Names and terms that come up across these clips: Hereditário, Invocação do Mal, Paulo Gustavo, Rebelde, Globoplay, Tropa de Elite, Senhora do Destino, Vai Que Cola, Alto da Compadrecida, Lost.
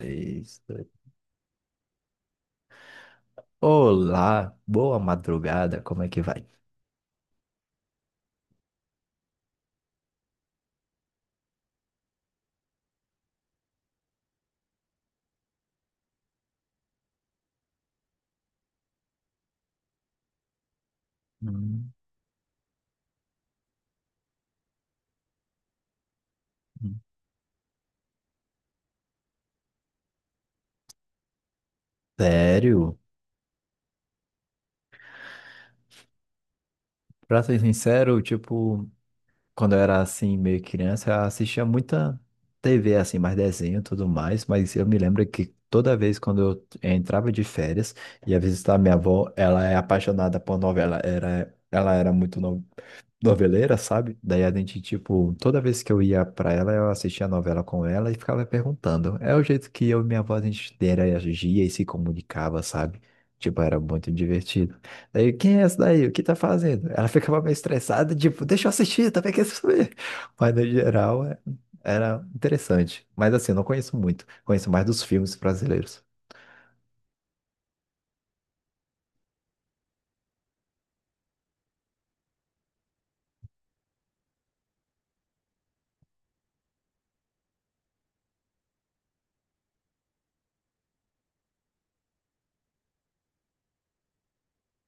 Isso. Olá, boa madrugada, como é que vai? Hum, hum. Sério? Pra ser sincero, tipo, quando eu era assim, meio criança, eu assistia muita TV, assim, mais desenho e tudo mais, mas eu me lembro que toda vez quando eu entrava de férias, ia visitar minha avó, ela é apaixonada por novela, era, ela era muito noveleira, sabe? Daí a gente, tipo, toda vez que eu ia pra ela, eu assistia a novela com ela e ficava perguntando. É o jeito que eu e minha avó a gente interagia e se comunicava, sabe? Tipo, era muito divertido. Daí, quem é essa daí? O que tá fazendo? Ela ficava meio estressada, tipo, deixa eu assistir, também quero saber. Mas no geral, era interessante. Mas assim, eu não conheço muito. Conheço mais dos filmes brasileiros.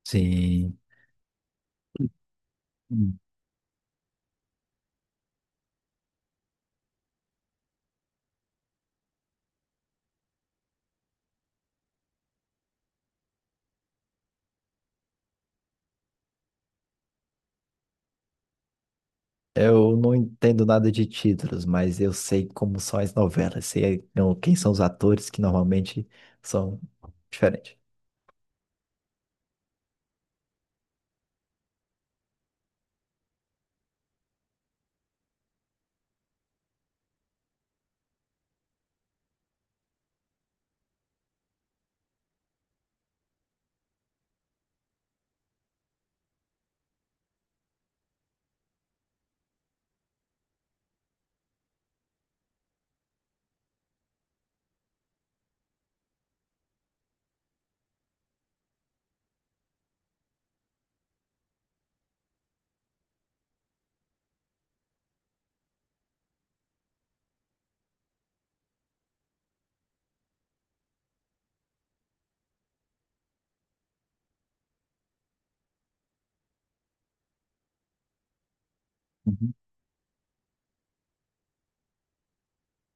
Sim. Eu não entendo nada de títulos, mas eu sei como são as novelas, sei quem são os atores que normalmente são diferentes.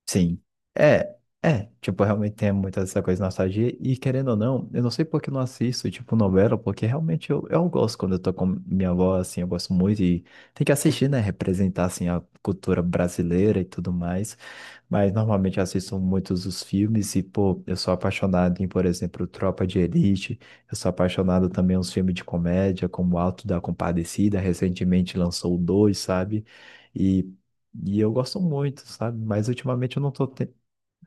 Sim. É, é. Tipo, realmente tem muita essa coisa de nostalgia. E querendo ou não, eu não sei por que eu não assisto, tipo, novela, porque realmente eu gosto quando eu tô com minha avó, assim, eu gosto muito e tem que assistir, né? Representar, assim, a cultura brasileira e tudo mais. Mas normalmente eu assisto muitos dos filmes e, pô, eu sou apaixonado em, por exemplo, Tropa de Elite. Eu sou apaixonado também em uns filmes de comédia, como Alto da Compadecida. Recentemente lançou o dois, sabe? E eu gosto muito, sabe? Mas ultimamente eu não tô te-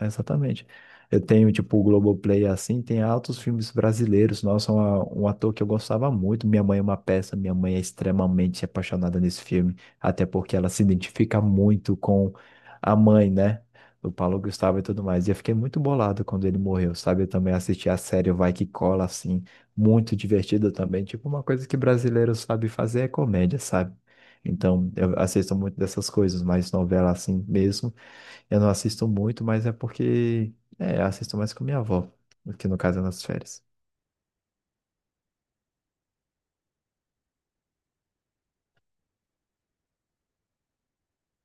Exatamente. Eu tenho, tipo, o Globoplay assim, tem altos filmes brasileiros. Nossa, um ator que eu gostava muito. Minha mãe é uma peça, minha mãe é extremamente apaixonada nesse filme, até porque ela se identifica muito com a mãe, né? Do Paulo Gustavo e tudo mais. E eu fiquei muito bolado quando ele morreu, sabe? Eu também assisti a série Vai Que Cola, assim, muito divertida também. Tipo, uma coisa que brasileiro sabe fazer é comédia, sabe? Então, eu assisto muito dessas coisas, mas novela assim mesmo. Eu não assisto muito, mas é porque. É, eu assisto mais com minha avó, que no caso é nas férias.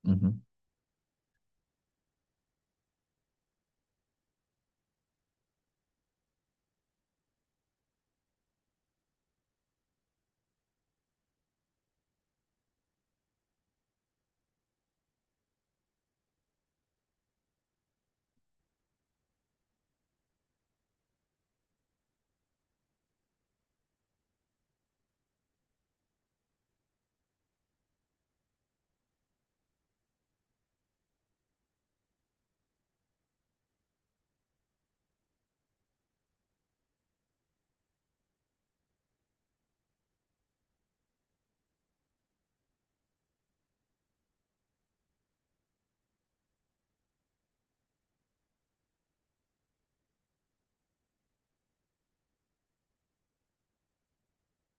Uhum.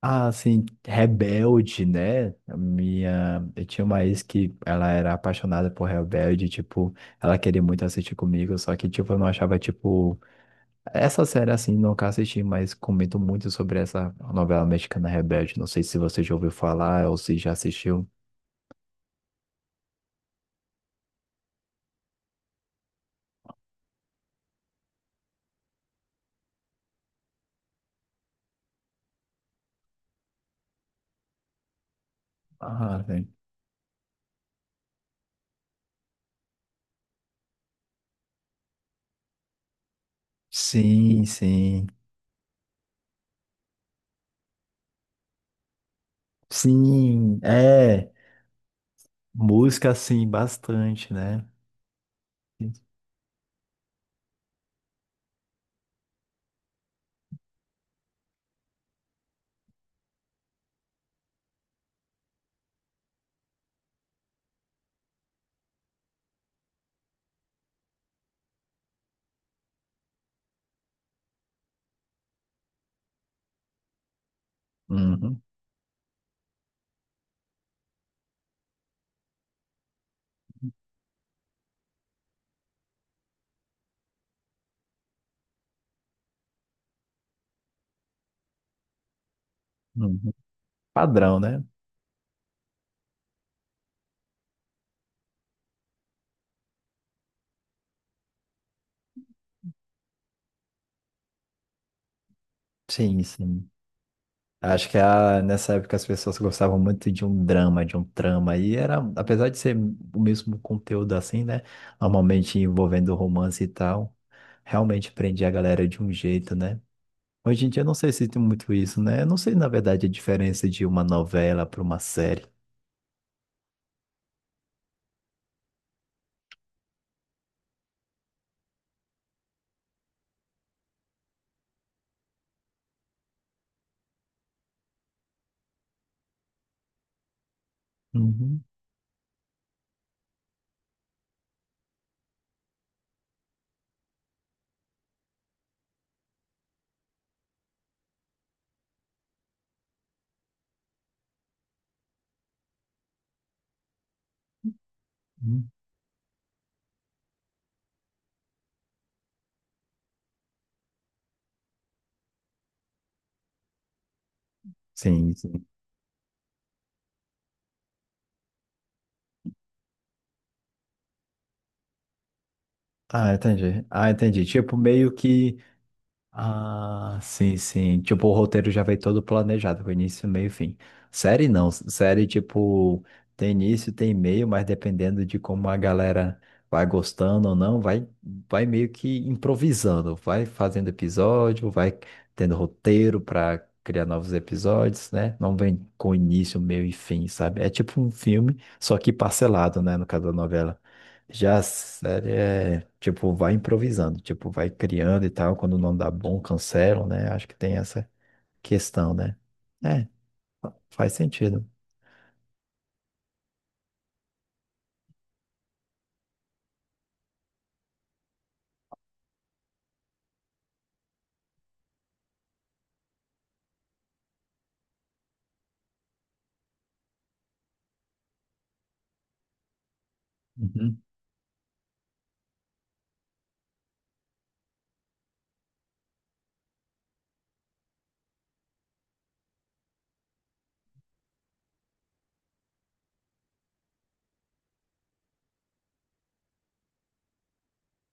Ah, assim, Rebelde, né? A Minha. Eu tinha uma ex que ela era apaixonada por Rebelde, tipo, ela queria muito assistir comigo, só que, tipo, eu não achava, tipo. Essa série, assim, nunca assisti, mas comento muito sobre essa novela mexicana Rebelde. Não sei se você já ouviu falar ou se já assistiu. Ah, sim. Sim, sim. Sim, é. Música, sim, bastante, né? Uhum, uhum. Padrão, né? Sim, sim. Acho que a, nessa época as pessoas gostavam muito de um drama, de um trama, e era, apesar de ser o mesmo conteúdo assim, né? Normalmente envolvendo romance e tal, realmente prendia a galera de um jeito, né? Hoje em dia eu não sei se tem muito isso, né? Eu não sei, na verdade, a diferença de uma novela para uma série. Uhum, uhum. Sim, sim. Ah, entendi. Ah, entendi. Tipo, meio que. Ah, sim, sim. Tipo, o roteiro já vem todo planejado, com início, meio, e fim. Série não. Série, tipo, tem início, tem meio, mas dependendo de como a galera vai gostando ou não, vai, vai meio que improvisando. Vai fazendo episódio, vai tendo roteiro para criar novos episódios, né? Não vem com início, meio e fim, sabe? É tipo um filme, só que parcelado, né? No caso da novela. Já a série é, tipo, vai improvisando, tipo, vai criando e tal, quando não dá bom, cancelam, né? Acho que tem essa questão, né? É, faz sentido. Uhum.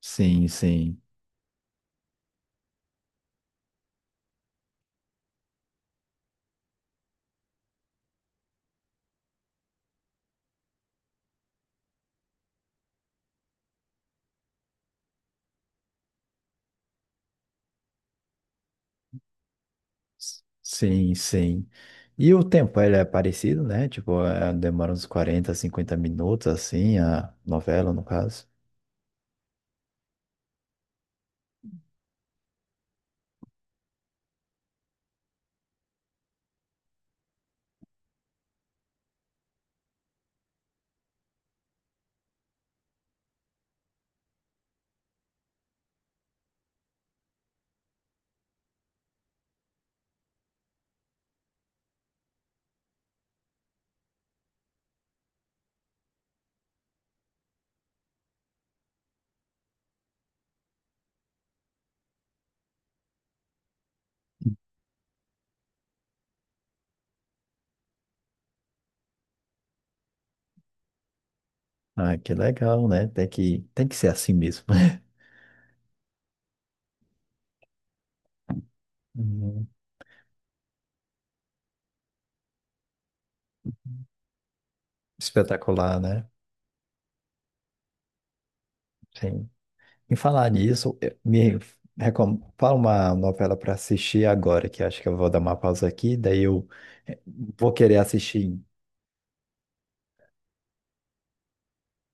Sim, sim. Sim, sim. E o tempo, ele é parecido, né? Tipo, é, demora uns 40, 50 minutos, assim, a novela, no caso. Ah, que legal, né? Tem que ser assim mesmo. Uhum. Espetacular, né? Sim. Em falar nisso, me recom... fala uma novela para assistir agora, que acho que eu vou dar uma pausa aqui, daí eu eh, vou querer assistir.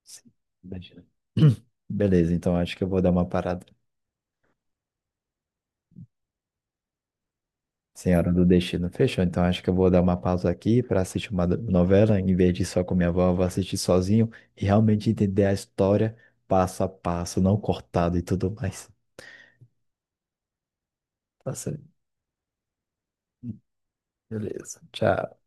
Sim, imagina. Beleza, então acho que eu vou dar uma parada. Senhora do Destino, fechou? Então acho que eu vou dar uma pausa aqui para assistir uma novela, em vez de ir só com minha avó, eu vou assistir sozinho e realmente entender a história passo a passo, não cortado e tudo mais. Tá certo. Beleza, tchau.